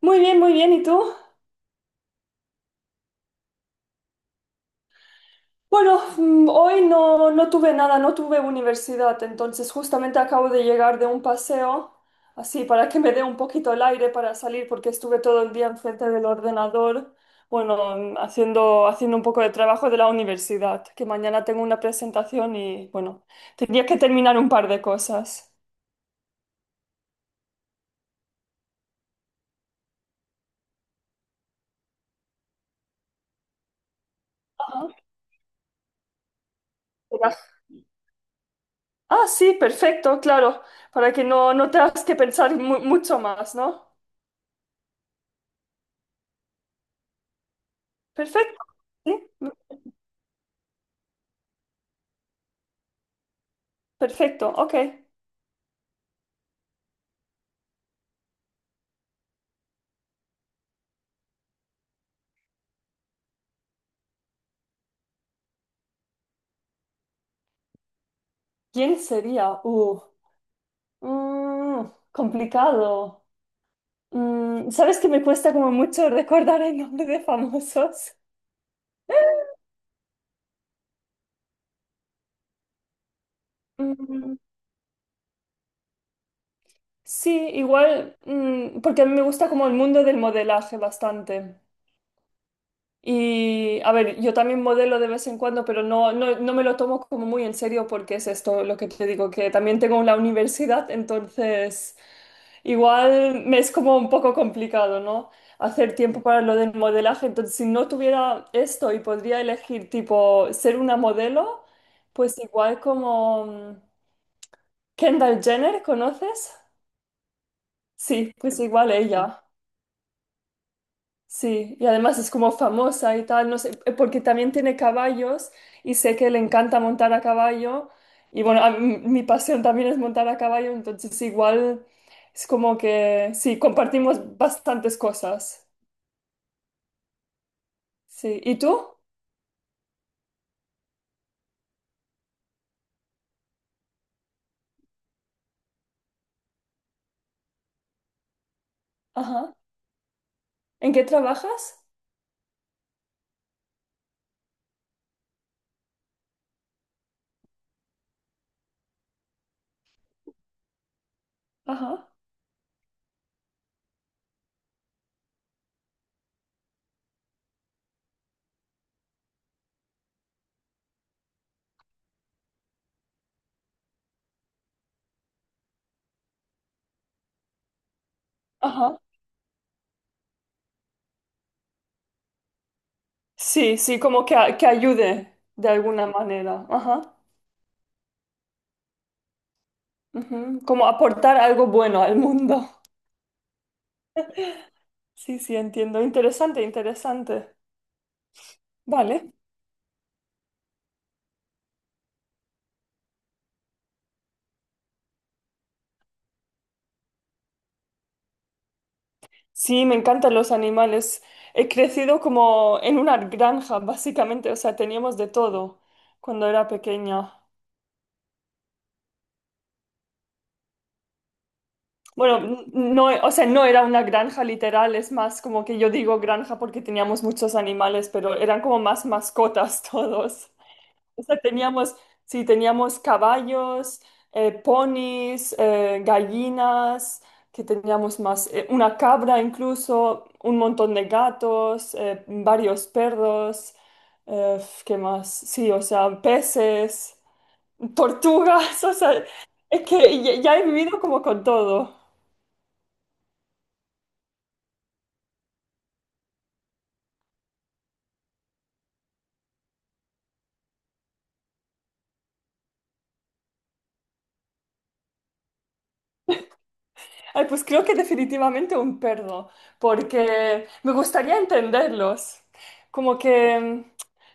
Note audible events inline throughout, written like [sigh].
Muy bien, muy bien. ¿Y tú? Bueno, hoy no tuve nada, no tuve universidad, entonces justamente acabo de llegar de un paseo, así para que me dé un poquito el aire para salir, porque estuve todo el día enfrente del ordenador, bueno, haciendo un poco de trabajo de la universidad, que mañana tengo una presentación y bueno, tenía que terminar un par de cosas. Ajá. Era- Ah, sí, perfecto, claro, para que no tengas que pensar mucho más, ¿no? Perfecto, sí, perfecto, ok. ¿Quién sería? Complicado. ¿Sabes que me cuesta como mucho recordar el nombre de famosos? Mm, sí, igual, porque a mí me gusta como el mundo del modelaje bastante. Y a ver, yo también modelo de vez en cuando, pero no me lo tomo como muy en serio porque es esto lo que te digo, que también tengo la universidad, entonces igual me es como un poco complicado, ¿no? Hacer tiempo para lo del modelaje. Entonces, si no tuviera esto y podría elegir tipo ser una modelo, pues igual como Kendall Jenner, ¿conoces? Sí, pues igual ella. Sí, y además es como famosa y tal, no sé, porque también tiene caballos y sé que le encanta montar a caballo y bueno, mi pasión también es montar a caballo, entonces igual es como que sí, compartimos bastantes cosas. Sí, ¿y tú? Ajá. ¿En qué trabajas? Ajá. Ajá. Sí, sí, como que, que ayude de alguna manera. Ajá. Ujú, como aportar algo bueno al mundo. [laughs] Sí, sí, entiendo. Interesante, interesante. Vale. Sí, me encantan los animales. He crecido como en una granja, básicamente, o sea, teníamos de todo cuando era pequeña. Bueno, no, o sea, no era una granja literal, es más como que yo digo granja porque teníamos muchos animales, pero eran como más mascotas [laughs] todos. O sea, teníamos, sí, teníamos caballos, ponis, gallinas, que teníamos más, una cabra incluso, un montón de gatos, varios perros, eh, ¿qué más? Sí, o sea, peces, tortugas, [laughs] o sea, es que ya, ya he vivido como con todo. Ay, pues creo que definitivamente un perro, porque me gustaría entenderlos. Como que,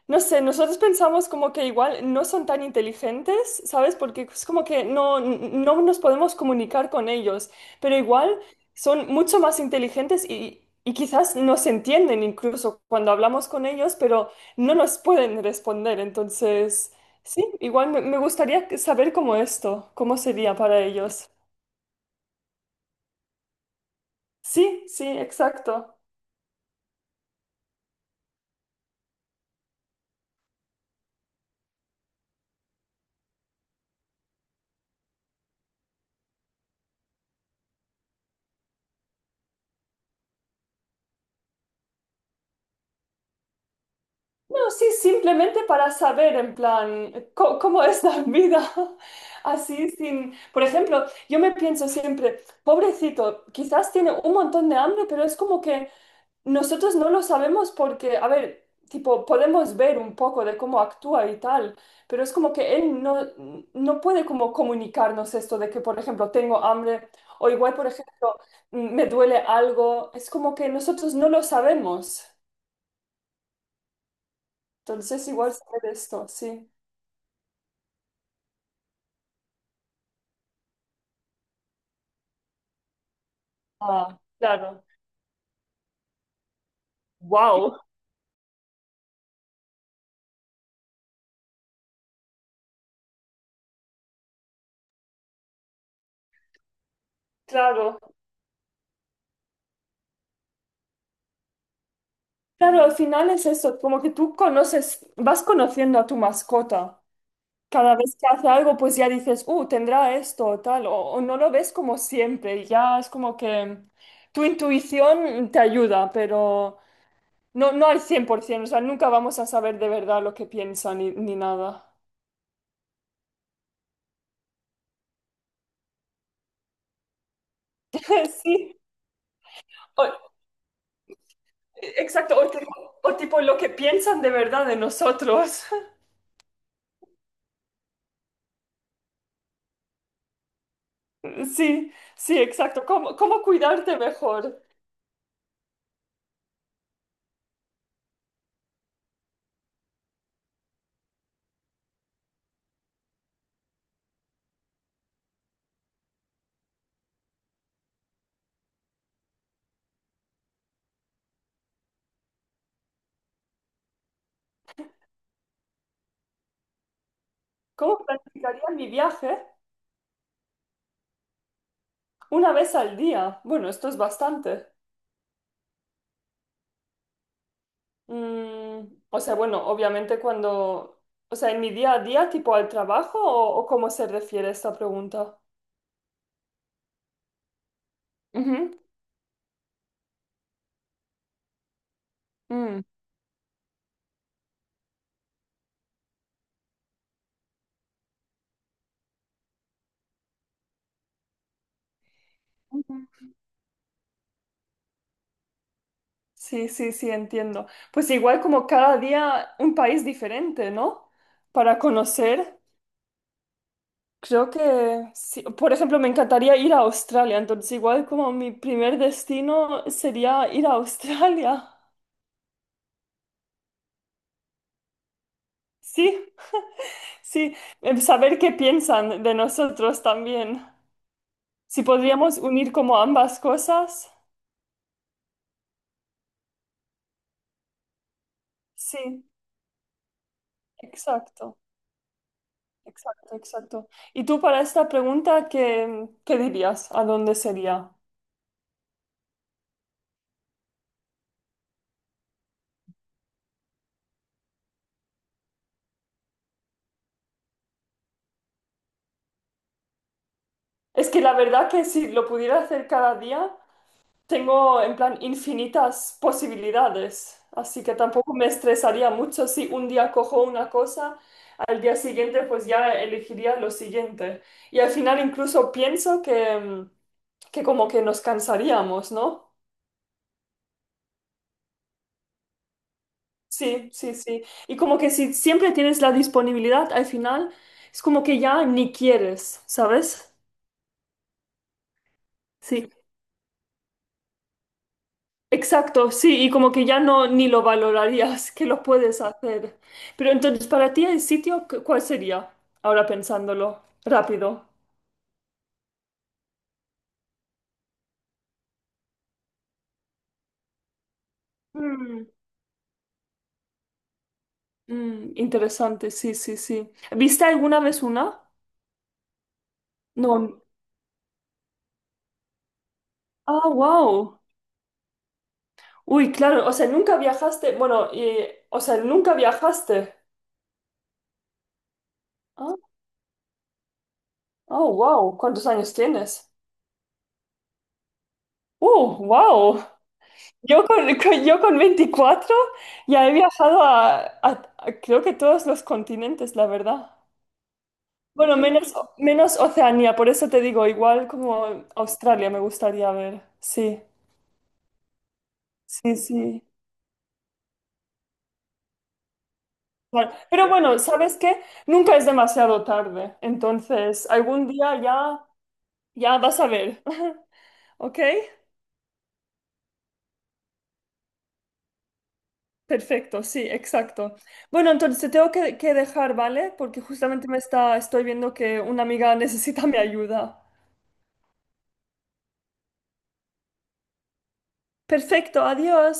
no sé, nosotros pensamos como que igual no son tan inteligentes, ¿sabes? Porque es como que no nos podemos comunicar con ellos, pero igual son mucho más inteligentes y quizás nos entienden incluso cuando hablamos con ellos, pero no nos pueden responder. Entonces, sí, igual me gustaría saber cómo esto, cómo sería para ellos. Sí, sí, exacto. No, sí, simplemente para saber en plan cómo es la vida [laughs] así sin... Por ejemplo, yo me pienso siempre, pobrecito, quizás tiene un montón de hambre, pero es como que nosotros no lo sabemos porque, a ver, tipo, podemos ver un poco de cómo actúa y tal, pero es como que él no, no puede como comunicarnos esto de que, por ejemplo, tengo hambre o igual, por ejemplo, me duele algo. Es como que nosotros no lo sabemos. Entonces igual saber esto, sí. Ah, claro. Wow, claro. Claro, al final es eso, como que tú conoces, vas conociendo a tu mascota. Cada vez que hace algo, pues ya dices, tendrá esto o tal, o no lo ves como siempre. Y ya es como que tu intuición te ayuda, pero no al 100%, o sea, nunca vamos a saber de verdad lo que piensan ni, ni nada. [laughs] Sí, o- exacto, o tipo lo que piensan de verdad de nosotros. Sí, sí, exacto. ¿Cómo, cómo cuidarte mejor? ¿Cómo planificaría mi viaje? Una vez al día. Bueno, esto es bastante. O sea, bueno, obviamente cuando... O sea, en mi día a día, tipo al trabajo, o cómo se refiere esta pregunta. Ujú, mm, ujú. Sí, sí, sí, entiendo. Pues igual como cada día un país diferente, ¿no? Para conocer. Creo que, sí. Por ejemplo, me encantaría ir a Australia, entonces igual como mi primer destino sería ir a Australia. [laughs] Sí, sí, em, saber qué piensan de nosotros también. Si podríamos unir como ambas cosas. Sí, exacto, exacto, exacto. ¿Y tú para esta pregunta qué, qué dirías? ¿A dónde sería? Es que la verdad que si lo pudiera hacer cada día, tengo en plan infinitas posibilidades, así que tampoco me estresaría mucho si un día cojo una cosa, al día siguiente pues ya elegiría lo siguiente. Y al final incluso pienso que, que como que nos cansaríamos, ¿no? Sí, sí, sí. Y como que si siempre tienes la disponibilidad, al final es como que ya ni quieres, ¿sabes? Sí. Exacto, sí, y como que ya no ni lo valorarías que lo puedes hacer. Pero entonces, para ti el sitio, ¿cuál sería? Ahora pensándolo, rápido. Mm, mm, interesante, sí, sí, sí. ¿Viste alguna vez una? No. Ah, wow. Uy, claro, o sea, nunca viajaste, bueno, o sea, nunca viajaste. Ah, oh, wow, ¿cuántos años tienes? Wow. [laughs] Yo con 24 ya he viajado a, a creo que todos los continentes, la verdad. Bueno, menos, menos Oceanía, por eso te digo, igual como Australia me gustaría ver. Sí, sí, sí. Vale. Pero bueno, ¿sabes qué? Nunca es demasiado tarde, entonces algún día ya, ya vas a ver. [laughs] ¿Ok? Perfecto, sí, exacto. Bueno, entonces te tengo que dejar, ¿vale? Porque justamente me está, estoy viendo que una amiga [laughs] necesita mi ayuda. Perfecto, adiós.